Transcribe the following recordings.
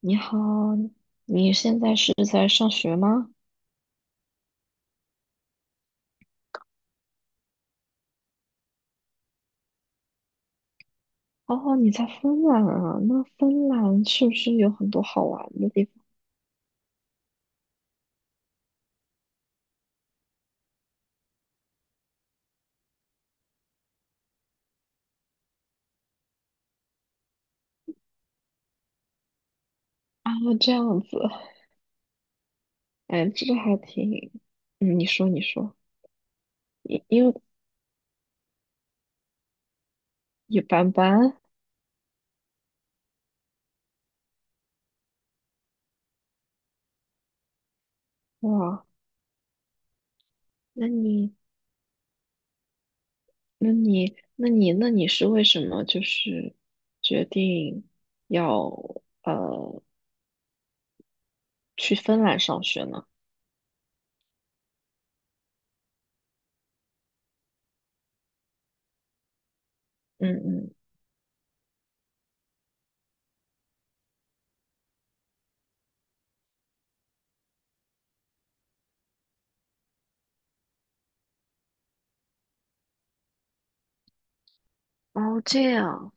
你好，你现在是在上学吗？哦，你在芬兰啊？那芬兰是不是有很多好玩的地方啊？这样子，哎，这个还挺……嗯，你说，因为一般般哇。那你，那你是为什么就是决定要呃去芬兰上学呢？嗯嗯，哦，这样，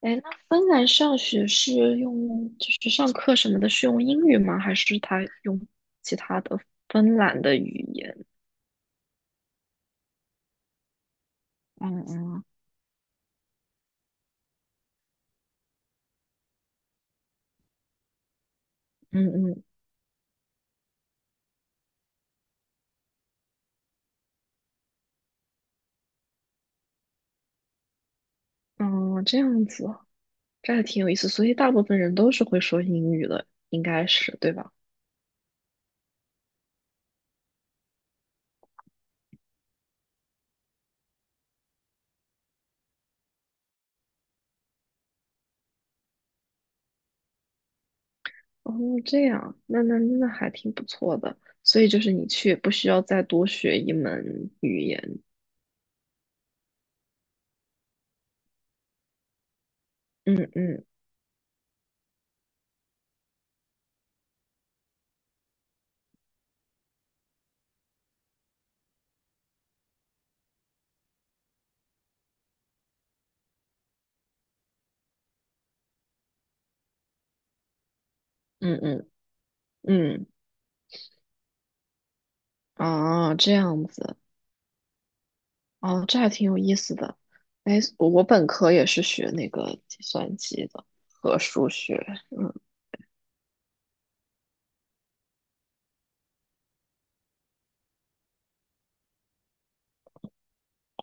哎，那芬兰上学是用，就是上课什么的，是用英语吗？还是他用其他的芬兰的语言？嗯嗯。嗯嗯嗯，这样子，这还挺有意思。所以大部分人都是会说英语的，应该是，对吧？哦，这样，那还挺不错的。所以就是你去也不需要再多学一门语言。嗯嗯嗯嗯嗯，啊，这样子。哦，这还挺有意思的。哎，我本科也是学那个计算机的和数学。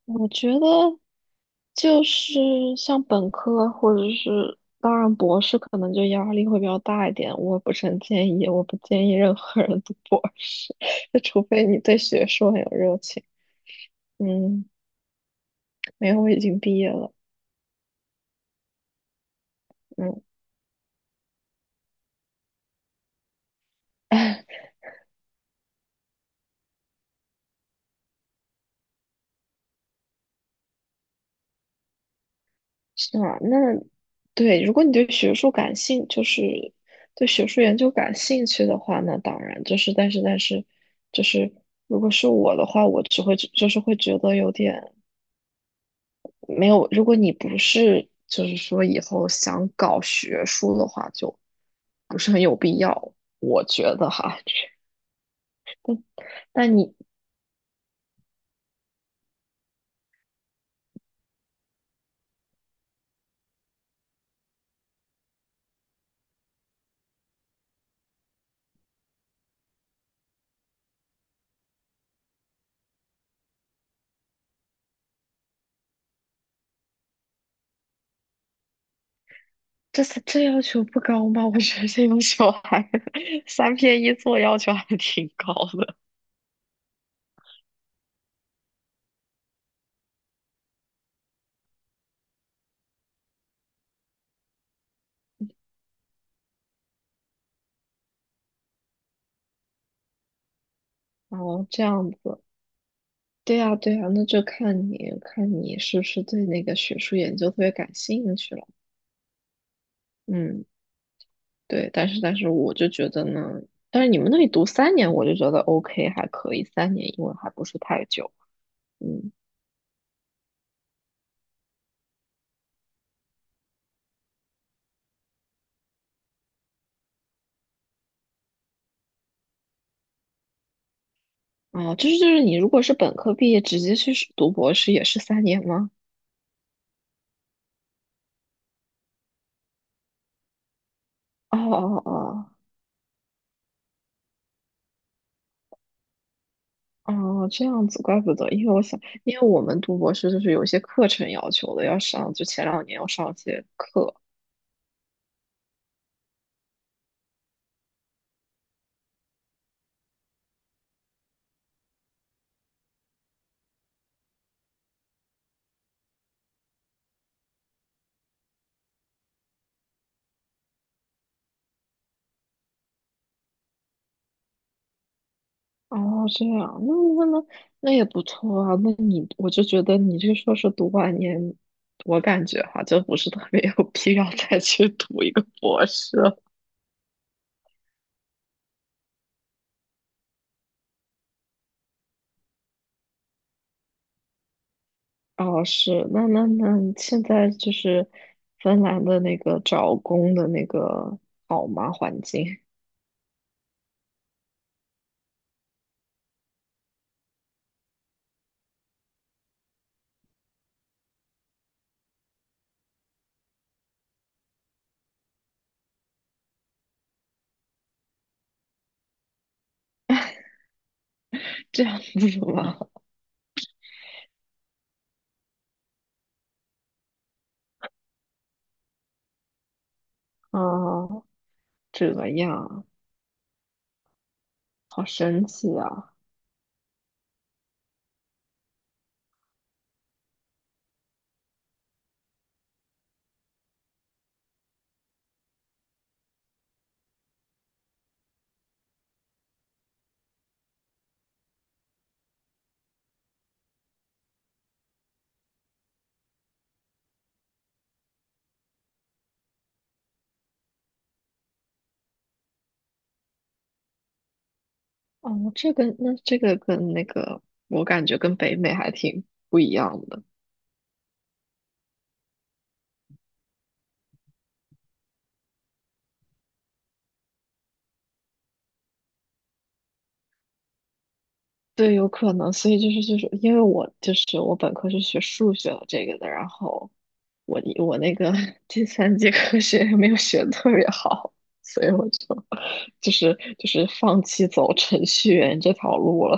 我觉得就是像本科或者是，当然博士可能就压力会比较大一点。我不是很建议，我不建议任何人读博士，就除非你对学术很有热情。嗯，没有，我已经毕业了。嗯。是啊，那对，如果你对学术感兴，就是对学术研究感兴趣的话，那当然就是，但是就是，如果是我的话，我只会就是会觉得有点没有。如果你不是就是说以后想搞学术的话，就不是很有必要，我觉得哈。但你这这要求不高吗？我觉得这种小孩 三篇一作要求还挺高的。哦，这样子。对呀，对呀，那就看你看你是不是对那个学术研究特别感兴趣了。嗯，对，但是我就觉得呢，但是你们那里读三年，我就觉得 OK 还可以，三年因为还不是太久。嗯，哦，就是你如果是本科毕业直接去读博士也是三年吗？哦哦，这样子，怪不得，因为我想，因为我们读博士就是有一些课程要求的，要上，就前两年要上一些课，哦，这样，那那也不错啊。那你，我就觉得你这个硕士读完研，我感觉哈，就不是特别有必要再 去读一个博士了。哦，是，那现在就是芬兰的那个找工的那个好吗？环境 这样子吗？啊，这样，好神奇啊！哦，这个那这个跟那个，我感觉跟北美还挺不一样的。对，有可能，所以就是因为我本科是学数学这个的，然后我那个 第三节课学也没有学得特别好，所以我就就是放弃走程序员这条路了。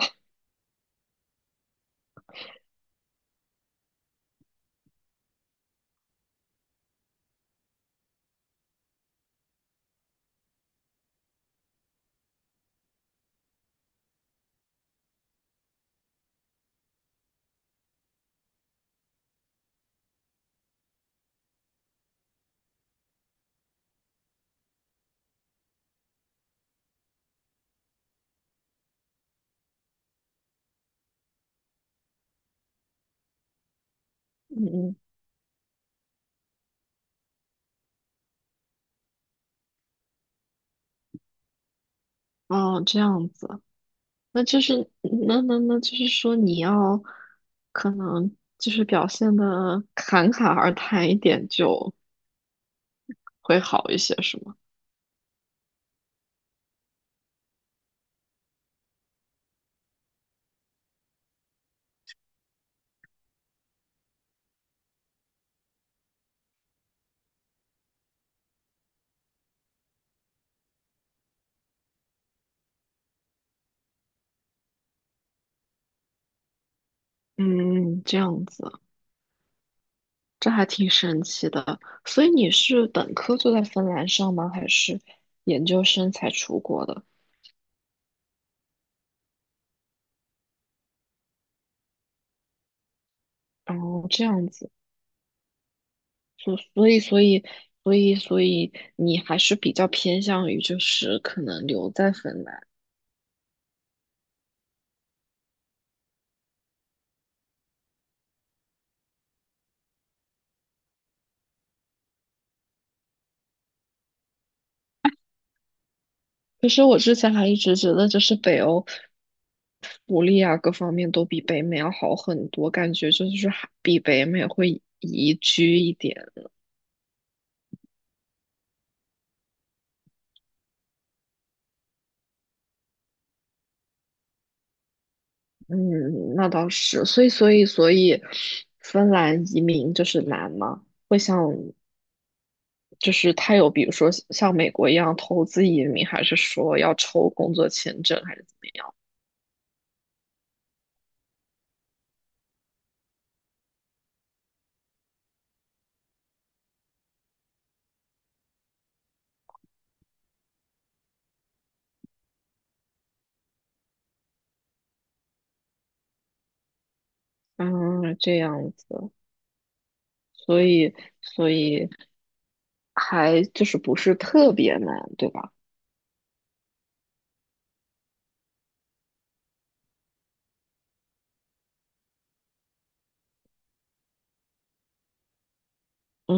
嗯嗯，哦，这样子，那就是那就是说你要可能就是表现的侃侃而谈一点就会好一些，是吗？嗯，这样子。这还挺神奇的。所以你是本科就在芬兰上吗？还是研究生才出国的？哦，这样子，所所以所以所以你还是比较偏向于就是可能留在芬兰。其实我之前还一直觉得就是北欧福利啊各方面都比北美要好很多，感觉就是还比北美会宜居一点。嗯，那倒是，所以，芬兰移民就是难吗？会像就是他有，比如说像美国一样投资移民，还是说要抽工作签证，还是怎么样？嗯，这样子，所以所以还就是不是特别难，对吧？嗯